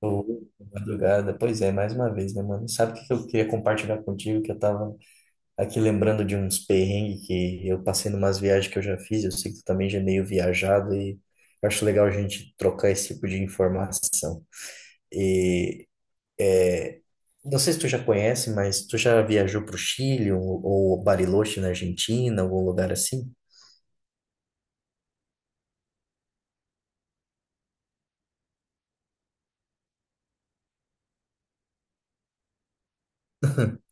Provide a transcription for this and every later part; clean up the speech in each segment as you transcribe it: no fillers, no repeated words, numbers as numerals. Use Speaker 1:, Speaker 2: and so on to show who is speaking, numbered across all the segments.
Speaker 1: Ô, madrugada. Pois é, mais uma vez, né, mano? Sabe o que que eu queria compartilhar contigo? Que eu tava aqui lembrando de uns perrengues que eu passei numas viagens que eu já fiz. Eu sei que tu também já é meio viajado e eu acho legal a gente trocar esse tipo de informação. E é, não sei se tu já conhece, mas tu já viajou pro Chile ou Bariloche na Argentina, algum lugar assim?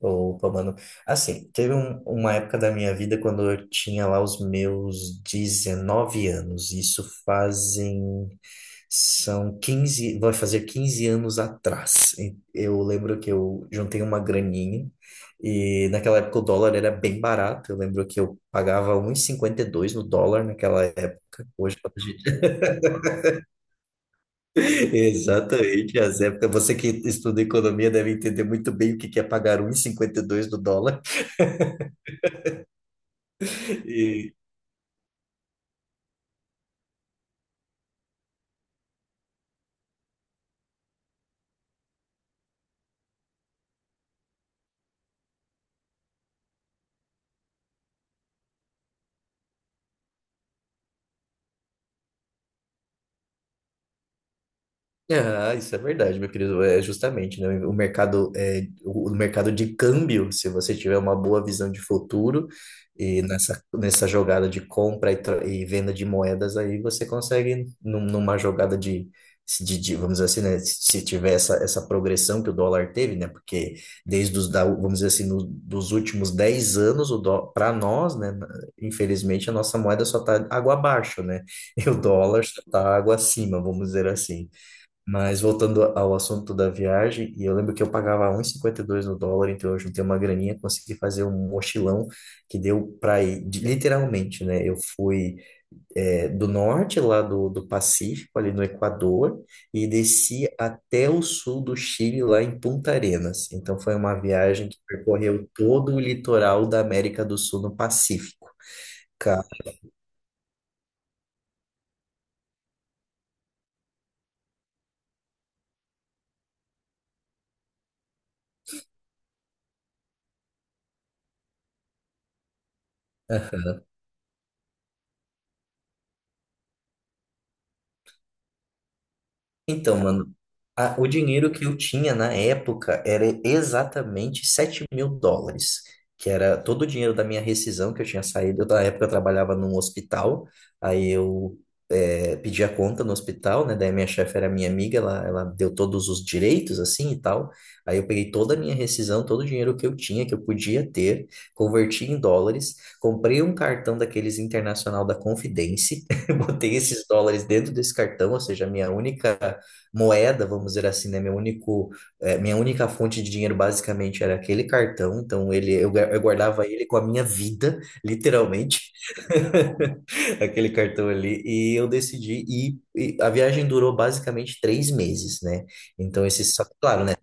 Speaker 1: Opa, mano. Assim, uma época da minha vida quando eu tinha lá os meus 19 anos. Isso fazem. São 15 Vai fazer 15 anos atrás. Eu lembro que eu juntei uma graninha. E naquela época o dólar era bem barato. Eu lembro que eu pagava um e cinquenta e dois no dólar naquela época. Hoje, quando a gente Exatamente, as épocas. Você que estuda economia deve entender muito bem o que que é pagar 1,52 do dólar. Ah, isso é verdade, meu querido. É justamente, né? O mercado é o mercado de câmbio, se você tiver uma boa visão de futuro e nessa jogada de compra e venda de moedas aí, você consegue numa jogada vamos dizer assim, né? Se tiver essa progressão que o dólar teve, né? Porque vamos dizer assim, dos últimos 10 anos, o dó, para nós, né? Infelizmente, a nossa moeda só está água abaixo, né? E o dólar só tá água acima, vamos dizer assim. Mas voltando ao assunto da viagem, e eu lembro que eu pagava 1,52 no dólar, então eu juntei uma graninha, consegui fazer um mochilão que deu para ir, literalmente, né? Eu fui do norte lá do Pacífico, ali no Equador, e desci até o sul do Chile, lá em Punta Arenas. Então foi uma viagem que percorreu todo o litoral da América do Sul no Pacífico. Então, mano, o dinheiro que eu tinha na época era exatamente US$ 7.000, que era todo o dinheiro da minha rescisão que eu tinha saído. Eu, na época eu trabalhava num hospital, aí eu pedi a conta no hospital, né? Daí minha chefe era minha amiga, ela deu todos os direitos, assim e tal. Aí eu peguei toda a minha rescisão, todo o dinheiro que eu tinha, que eu podia ter, converti em dólares, comprei um cartão daqueles internacional da Confidence, botei esses dólares dentro desse cartão, ou seja, a minha única moeda, vamos dizer assim, né? Minha única fonte de dinheiro basicamente era aquele cartão, então eu guardava ele com a minha vida, literalmente, aquele cartão ali, e eu decidi ir, e a viagem durou basicamente 3 meses, né? Então, esse, só que, claro, né?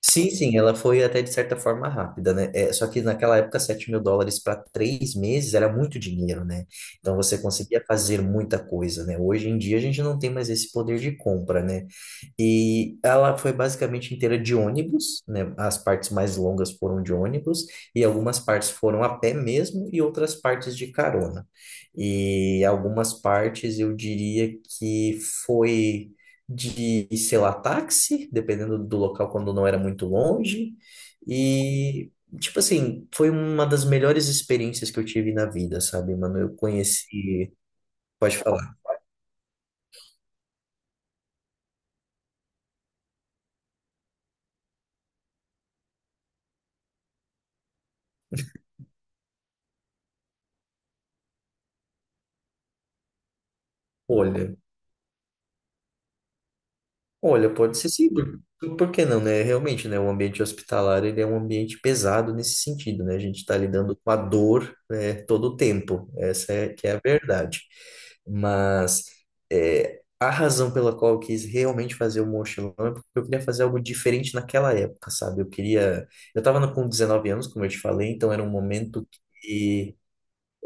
Speaker 1: Sim, sim, ela foi até de certa forma rápida, né? Só que naquela época, US$ 7.000 para 3 meses era muito dinheiro, né? Então você conseguia fazer muita coisa, né? Hoje em dia a gente não tem mais esse poder de compra, né? E ela foi basicamente inteira de ônibus, né? As partes mais longas foram de ônibus, e algumas partes foram a pé mesmo, e outras partes de carona. E algumas partes eu diria que foi sei lá, táxi, dependendo do local quando não era muito longe. E, tipo assim, foi uma das melhores experiências que eu tive na vida, sabe, mano? Eu conheci. Pode falar. Olha, Olha, pode ser sim, por que não, né? Realmente, né, o ambiente hospitalar, ele é um ambiente pesado nesse sentido, né? A gente está lidando com a dor, né, todo o tempo, essa é que é a verdade. Mas a razão pela qual eu quis realmente fazer o mochilão é porque eu queria fazer algo diferente naquela época, sabe? Eu queria... Eu estava com 19 anos, como eu te falei, então era um momento que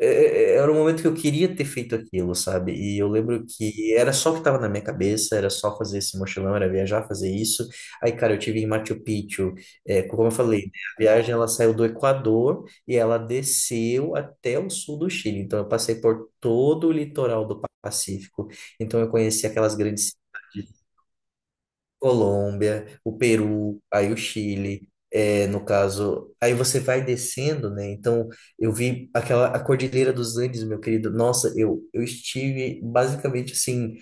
Speaker 1: era um momento que eu queria ter feito aquilo, sabe? E eu lembro que era só o que estava na minha cabeça, era só fazer esse mochilão, era viajar, fazer isso. Aí, cara, eu tive em Machu Picchu, como eu falei, né? A viagem ela saiu do Equador e ela desceu até o sul do Chile. Então, eu passei por todo o litoral do Pacífico. Então, eu conheci aquelas grandes cidades. Colômbia, o Peru, aí o Chile, no caso, aí você vai descendo, né? Então, eu vi aquela a Cordilheira dos Andes, meu querido. Nossa, eu estive basicamente assim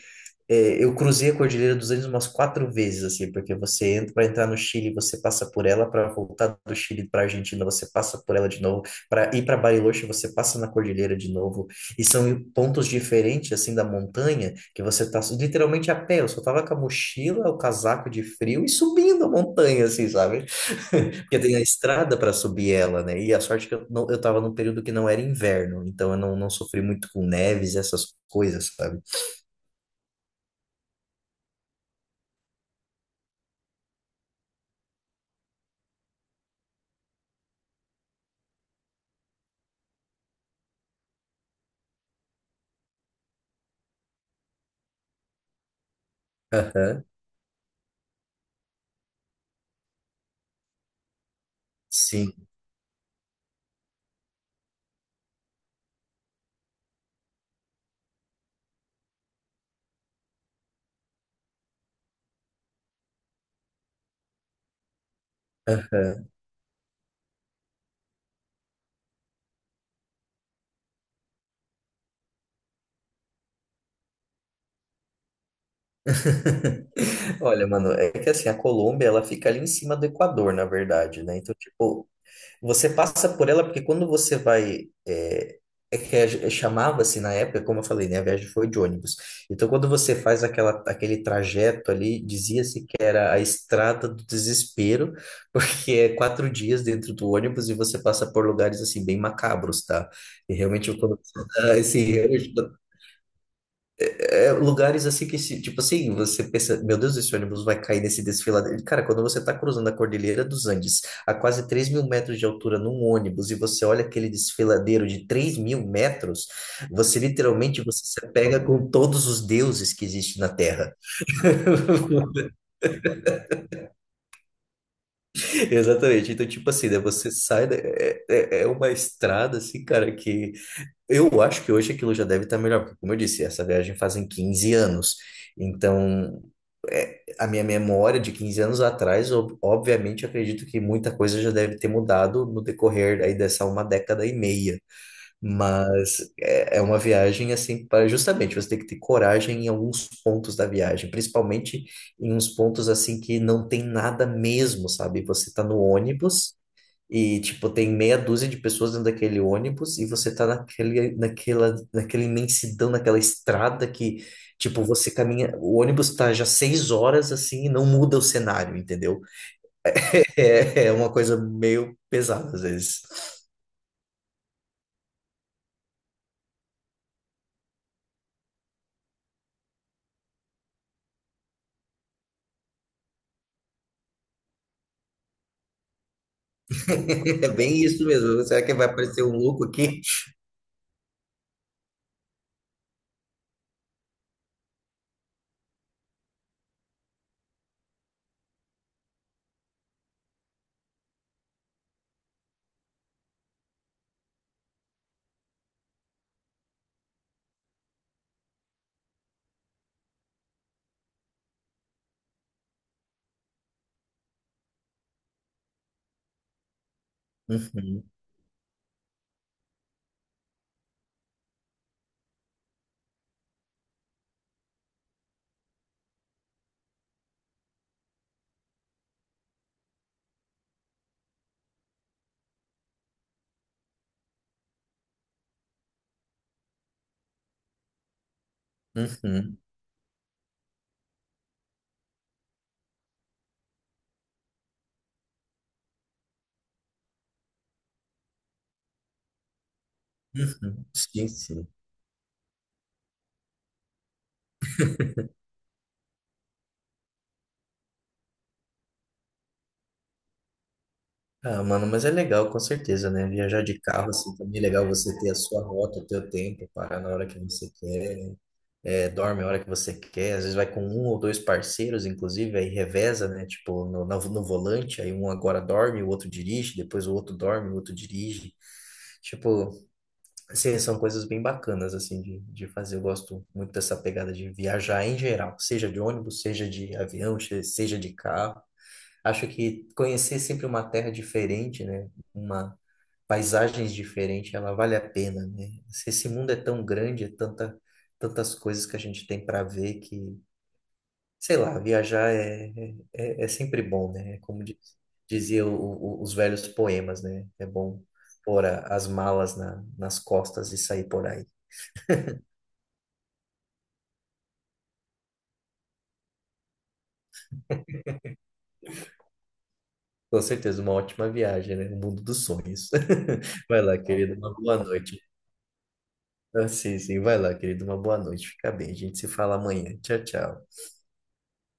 Speaker 1: eu cruzei a Cordilheira dos Andes umas 4 vezes, assim, porque você entra para entrar no Chile, você passa por ela, para voltar do Chile para Argentina, você passa por ela de novo, para ir para Bariloche, você passa na Cordilheira de novo, e são pontos diferentes, assim, da montanha, que você tá literalmente a pé, eu só tava com a mochila, o casaco de frio e subindo a montanha, assim, sabe? Porque tem a estrada para subir ela, né? E a sorte que eu, não, eu tava num período que não era inverno, então eu não, não sofri muito com neves, essas coisas, sabe? Aham. Sim. Aham. Olha, mano, é que assim, a Colômbia, ela fica ali em cima do Equador, na verdade, né? Então, tipo, você passa por ela porque quando você vai. É que chamava-se na época, como eu falei, né? A viagem foi de ônibus. Então, quando você faz aquele trajeto ali, dizia-se que era a estrada do desespero, porque é 4 dias dentro do ônibus e você passa por lugares, assim, bem macabros, tá? E realmente, quando. Assim, lugares assim que, tipo assim, você pensa, meu Deus, esse ônibus vai cair nesse desfiladeiro. Cara, quando você está cruzando a Cordilheira dos Andes, a quase 3.000 metros de altura num ônibus, e você olha aquele desfiladeiro de 3.000 metros, você literalmente você se apega com todos os deuses que existem na Terra. Exatamente. Então, tipo assim, né, você sai, é uma estrada, assim, cara, que eu acho que hoje aquilo já deve estar melhor, porque, como eu disse, essa viagem fazem 15 anos. Então, a minha memória de 15 anos atrás, obviamente, acredito que muita coisa já deve ter mudado no decorrer aí dessa uma década e meia. Mas é uma viagem assim para justamente você ter que ter coragem em alguns pontos da viagem, principalmente em uns pontos assim que não tem nada mesmo, sabe? Você está no ônibus. E, tipo, tem meia dúzia de pessoas dentro daquele ônibus e você tá naquela imensidão, naquela estrada que, tipo, você caminha. O ônibus tá já 6 horas assim e não muda o cenário, entendeu? É, é uma coisa meio pesada às vezes. É bem isso mesmo. Será que vai aparecer um louco aqui? Uhum, uhum, uhum. Sim, sim. Ah, mano, mas é legal, com certeza, né? Viajar de carro, assim, também é legal você ter a sua rota, o teu tempo, parar na hora que você quer, dorme a hora que você quer, às vezes vai com um ou dois parceiros, inclusive, aí reveza, né? Tipo, no volante, aí um agora dorme, o outro dirige, depois o outro dorme, o outro dirige. Tipo, assim, são coisas bem bacanas, assim, de fazer. Eu gosto muito dessa pegada de viajar em geral, seja de ônibus, seja de avião, seja de carro. Acho que conhecer sempre uma terra diferente, né? Uma paisagens diferente, ela vale a pena, né? Se Esse mundo é tão grande, tantas coisas que a gente tem para ver que, sei lá, viajar é sempre bom, né? É Como diz, dizia os velhos poemas, né? É bom pôr as malas nas costas e sair por aí. Com certeza, uma ótima viagem, né? O mundo dos sonhos. Vai lá, querido. Uma boa noite. Ah, sim, sim. Vai lá, querido. Uma boa noite. Fica bem. A gente se fala amanhã. Tchau, tchau.